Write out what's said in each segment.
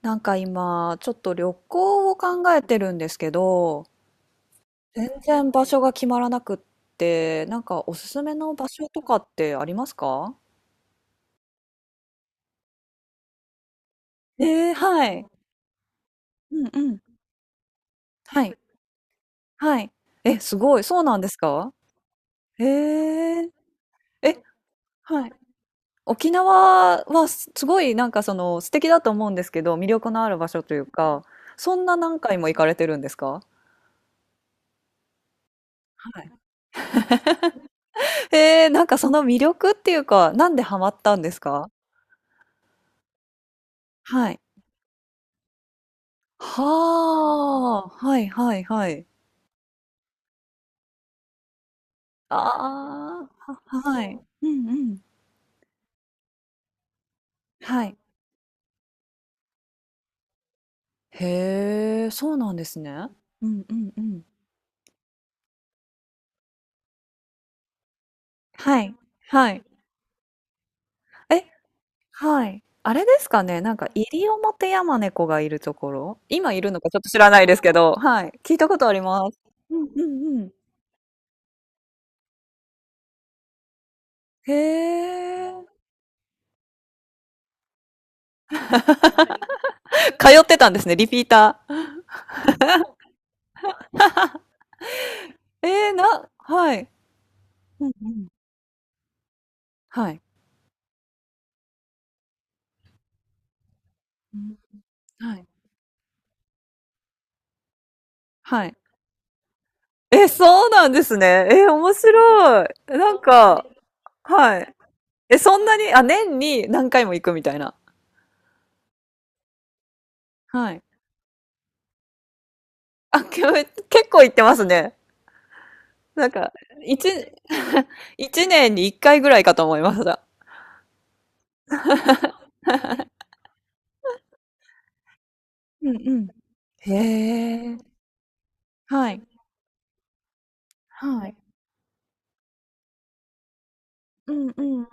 なんか今、ちょっと旅行を考えてるんですけど、全然場所が決まらなくって、なんかおすすめの場所とかってありますか？はい。うんうん。はい。はい。え、すごい。そうなんですか？えー、え、はい。沖縄はごいなんかその素敵だと思うんですけど、魅力のある場所というか、そんな何回も行かれてるんですか？はい。えー、なんかその魅力っていうか、なんでハマったんですか？はい。はあ、はいはいはい。ああ、は、はい。うんうん。はい。へえ、そうなんですね。うんうんうん。はい、はい。え、はい。あれですかね、なんか、入表オモヤマネコがいるところ今いるのかちょっと知らないですけど、はい。聞いたことあります。うんうんうん。へえ。通ってたんですね、リピーター。はい。うんうん。はい。うんはい。はい。え、そうなんですね。え、面白い。なんか、はい。え、そんなに、あ、年に何回も行くみたいな。はい。あ、け結構行ってますね。なんか、一 一年に一回ぐらいかと思いました。うんうん。へえ。はい。はい。うんうん。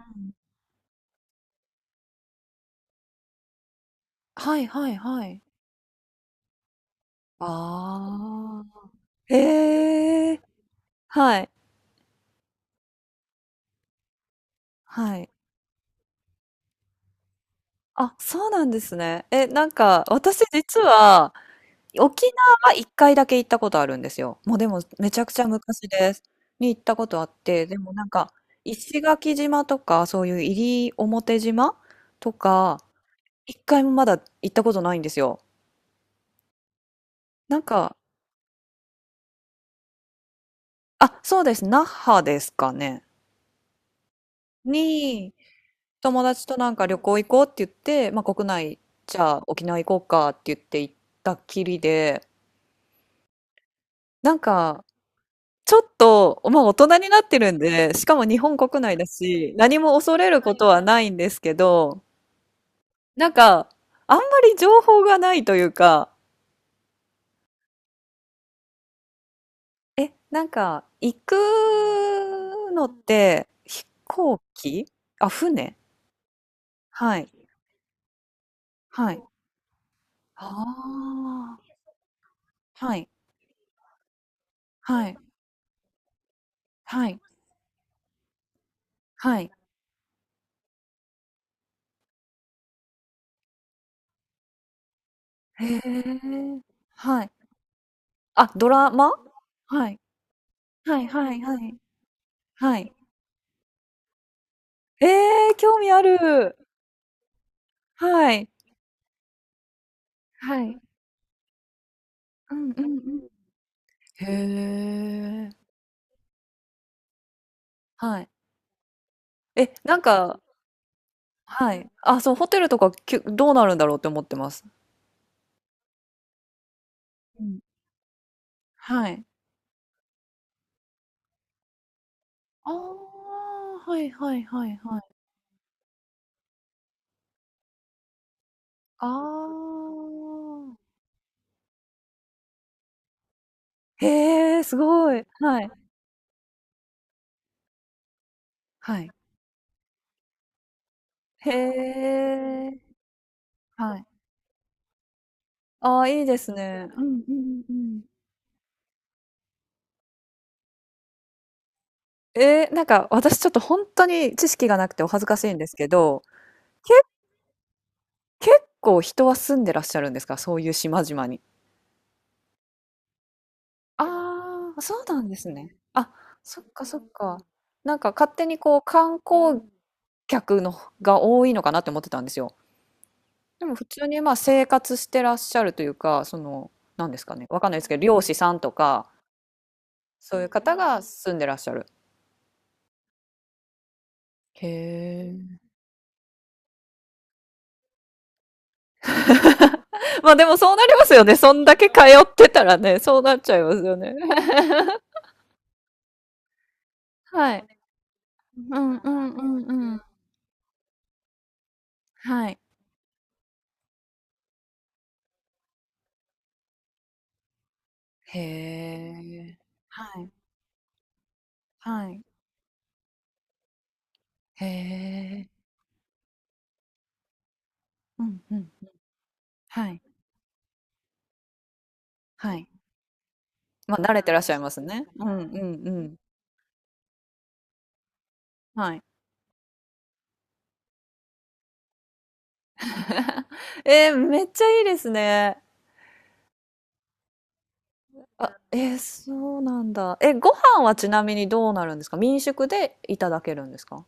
はいはいはい。ああ。へえ。はい。はい。あ、そうなんですね。え、なんか、私実は、沖縄は1回だけ行ったことあるんですよ。もうでもめちゃくちゃ昔です。に行ったことあって、でもなんか石垣島とかそういう西表島とか一回もまだ行ったことないんですよ。なんか、あ、そうです。那覇ですかね。に友達となんか旅行行こうって言って、まあ国内じゃあ沖縄行こうかって言って行ったきりで、なんかちょっと、まあ大人になってるんで、しかも日本国内だし、何も恐れることはないんですけど、なんか、あんまり情報がないというか、え、なんか、行くのって、飛行機あ、船はい。はい。ああ。はい。はい。はい。はい。へえ。はい。あ、ドラマはい。はいはいはい。はい。ええ、興味ある。はい。はい。うんうんうん。へえ。はい。え、なんかはい。あ、そう、ホテルとか、きゅどうなるんだろうって思ってます。うん、はい。ああ、はいはいはいはい。ああ。へえ、すごい。はい、はい。へえ。はい。ああ、いいですね。うんうんうん。えーなんか私ちょっと本当に知識がなくてお恥ずかしいんですけど、け結構人は住んでらっしゃるんですか？そういう島々に。ああ、そうなんですね。あ、そっかそっか。なんか勝手にこう観光客のが多いのかなって思ってたんですよ。でも普通にまあ生活してらっしゃるというか、その、なんですかね、わかんないですけど、漁師さんとか、そういう方が住んでらっしゃる。へえ。まあでもそうなりますよね。そんだけ通ってたらね、そうなっちゃいますよね。はい。うんうんうんうん。はい。へえ。はい。はい。へえ。うんうん。はい。はい。まあ、慣れてらっしゃいますね。うんうんうん。はい。えー、めっちゃいいですね。あ、えー、そうなんだ。え、ご飯はちなみにどうなるんですか？民宿でいただけるんですか？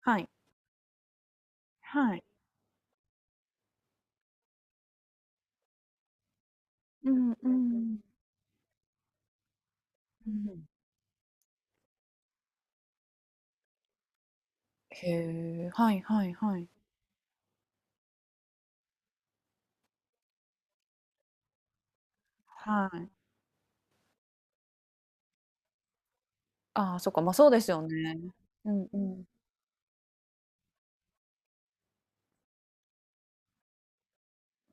はい。はい。うんうん。うん、へえ、はいはいはい。はい。ああ、そっか。まあそうですよね。うんうん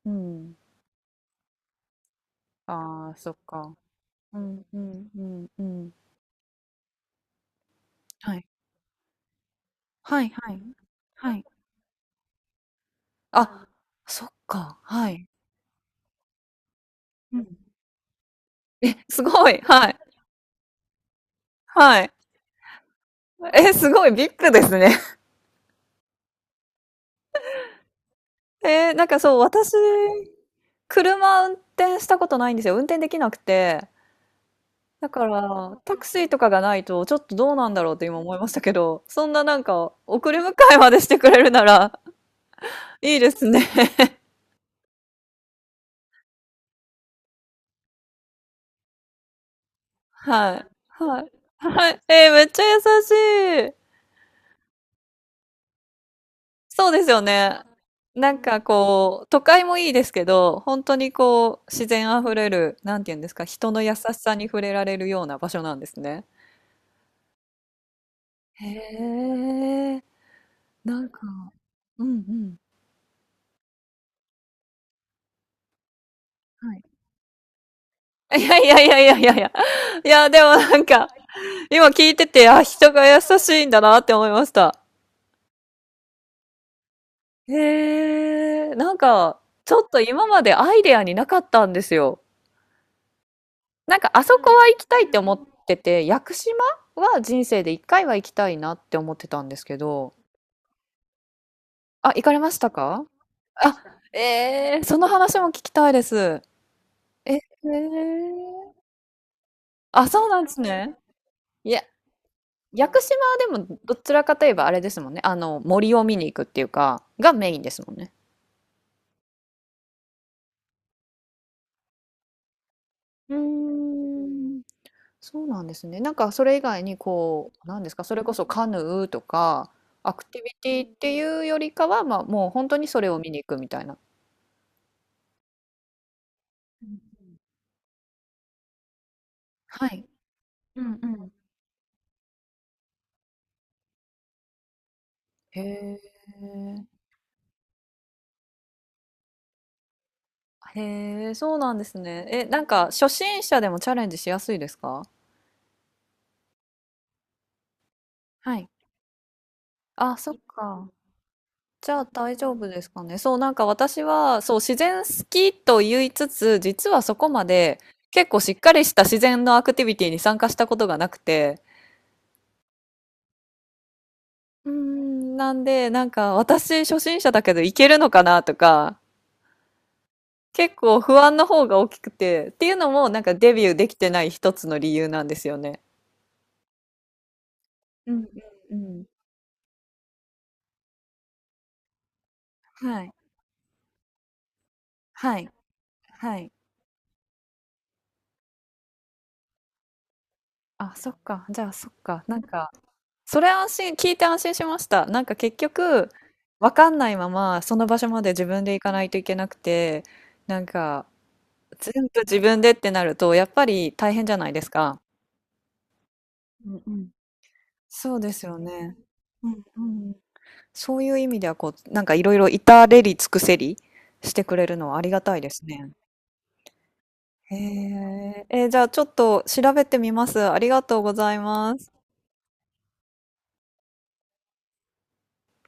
うん。ああ、そっか。うんうんうんうん。はい。はいはい。はい。あ、そっか。はい。すごい、はい、はい。え、すごいビッグですね。えー、なんかそう、私、車運転したことないんですよ。運転できなくて。だから、タクシーとかがないと、ちょっとどうなんだろうって今思いましたけど、そんななんか、送り迎えまでしてくれるなら、いいですね。はい。はい。はい。えー、めっちゃ優しい。そうですよね。なんかこう、都会もいいですけど、本当にこう、自然あふれる、なんていうんですか、人の優しさに触れられるような場所なんですね。へえ、なんか、うんうん。はい。いやいやいやいやいやいや。いや、でもなんか、今聞いてて、あ、人が優しいんだなって思いました。へえ、なんか、ちょっと今までアイデアになかったんですよ。なんかあそこは行きたいって思ってて、屋久島は人生で一回は行きたいなって思ってたんですけど、あ、行かれましたか？あ、えー、その話も聞きたいです。えー、あ、そうなんですね。いや、屋久島はでもどちらかといえばあれですもんね。あの、森を見に行くっていうか、がメインですもんね。うーんそうなんですね。なんかそれ以外にこう、なんですか、それこそカヌーとか、アクティビティっていうよりかは、まあ、もう本当にそれを見に行くみたいな。うんはい。うんうんへえ。へえ、そうなんですね。え、なんか初心者でもチャレンジしやすいですか？はい。あ、そっか。じゃあ大丈夫ですかね。そう、なんか私は、そう、自然好きと言いつつ、実はそこまで結構しっかりした自然のアクティビティに参加したことがなくて、うーん、なんで、なんか私初心者だけどいけるのかなとか、結構不安の方が大きくて、っていうのもなんかデビューできてない一つの理由なんですよね。うんうんうん。はい。はい。はい。あ、そっか。じゃあそっか。なんか、それ安心、聞いて安心しました。なんか結局、わかんないまま、その場所まで自分で行かないといけなくて、なんか、全部自分でってなると、やっぱり大変じゃないですか。ううんうん。そうですよね。うん、うん、そういう意味ではこう、なんかいろいろ至れり尽くせりしてくれるのはありがたいですね。へえ、えーじゃあちょっと調べてみます。ありがとうございます。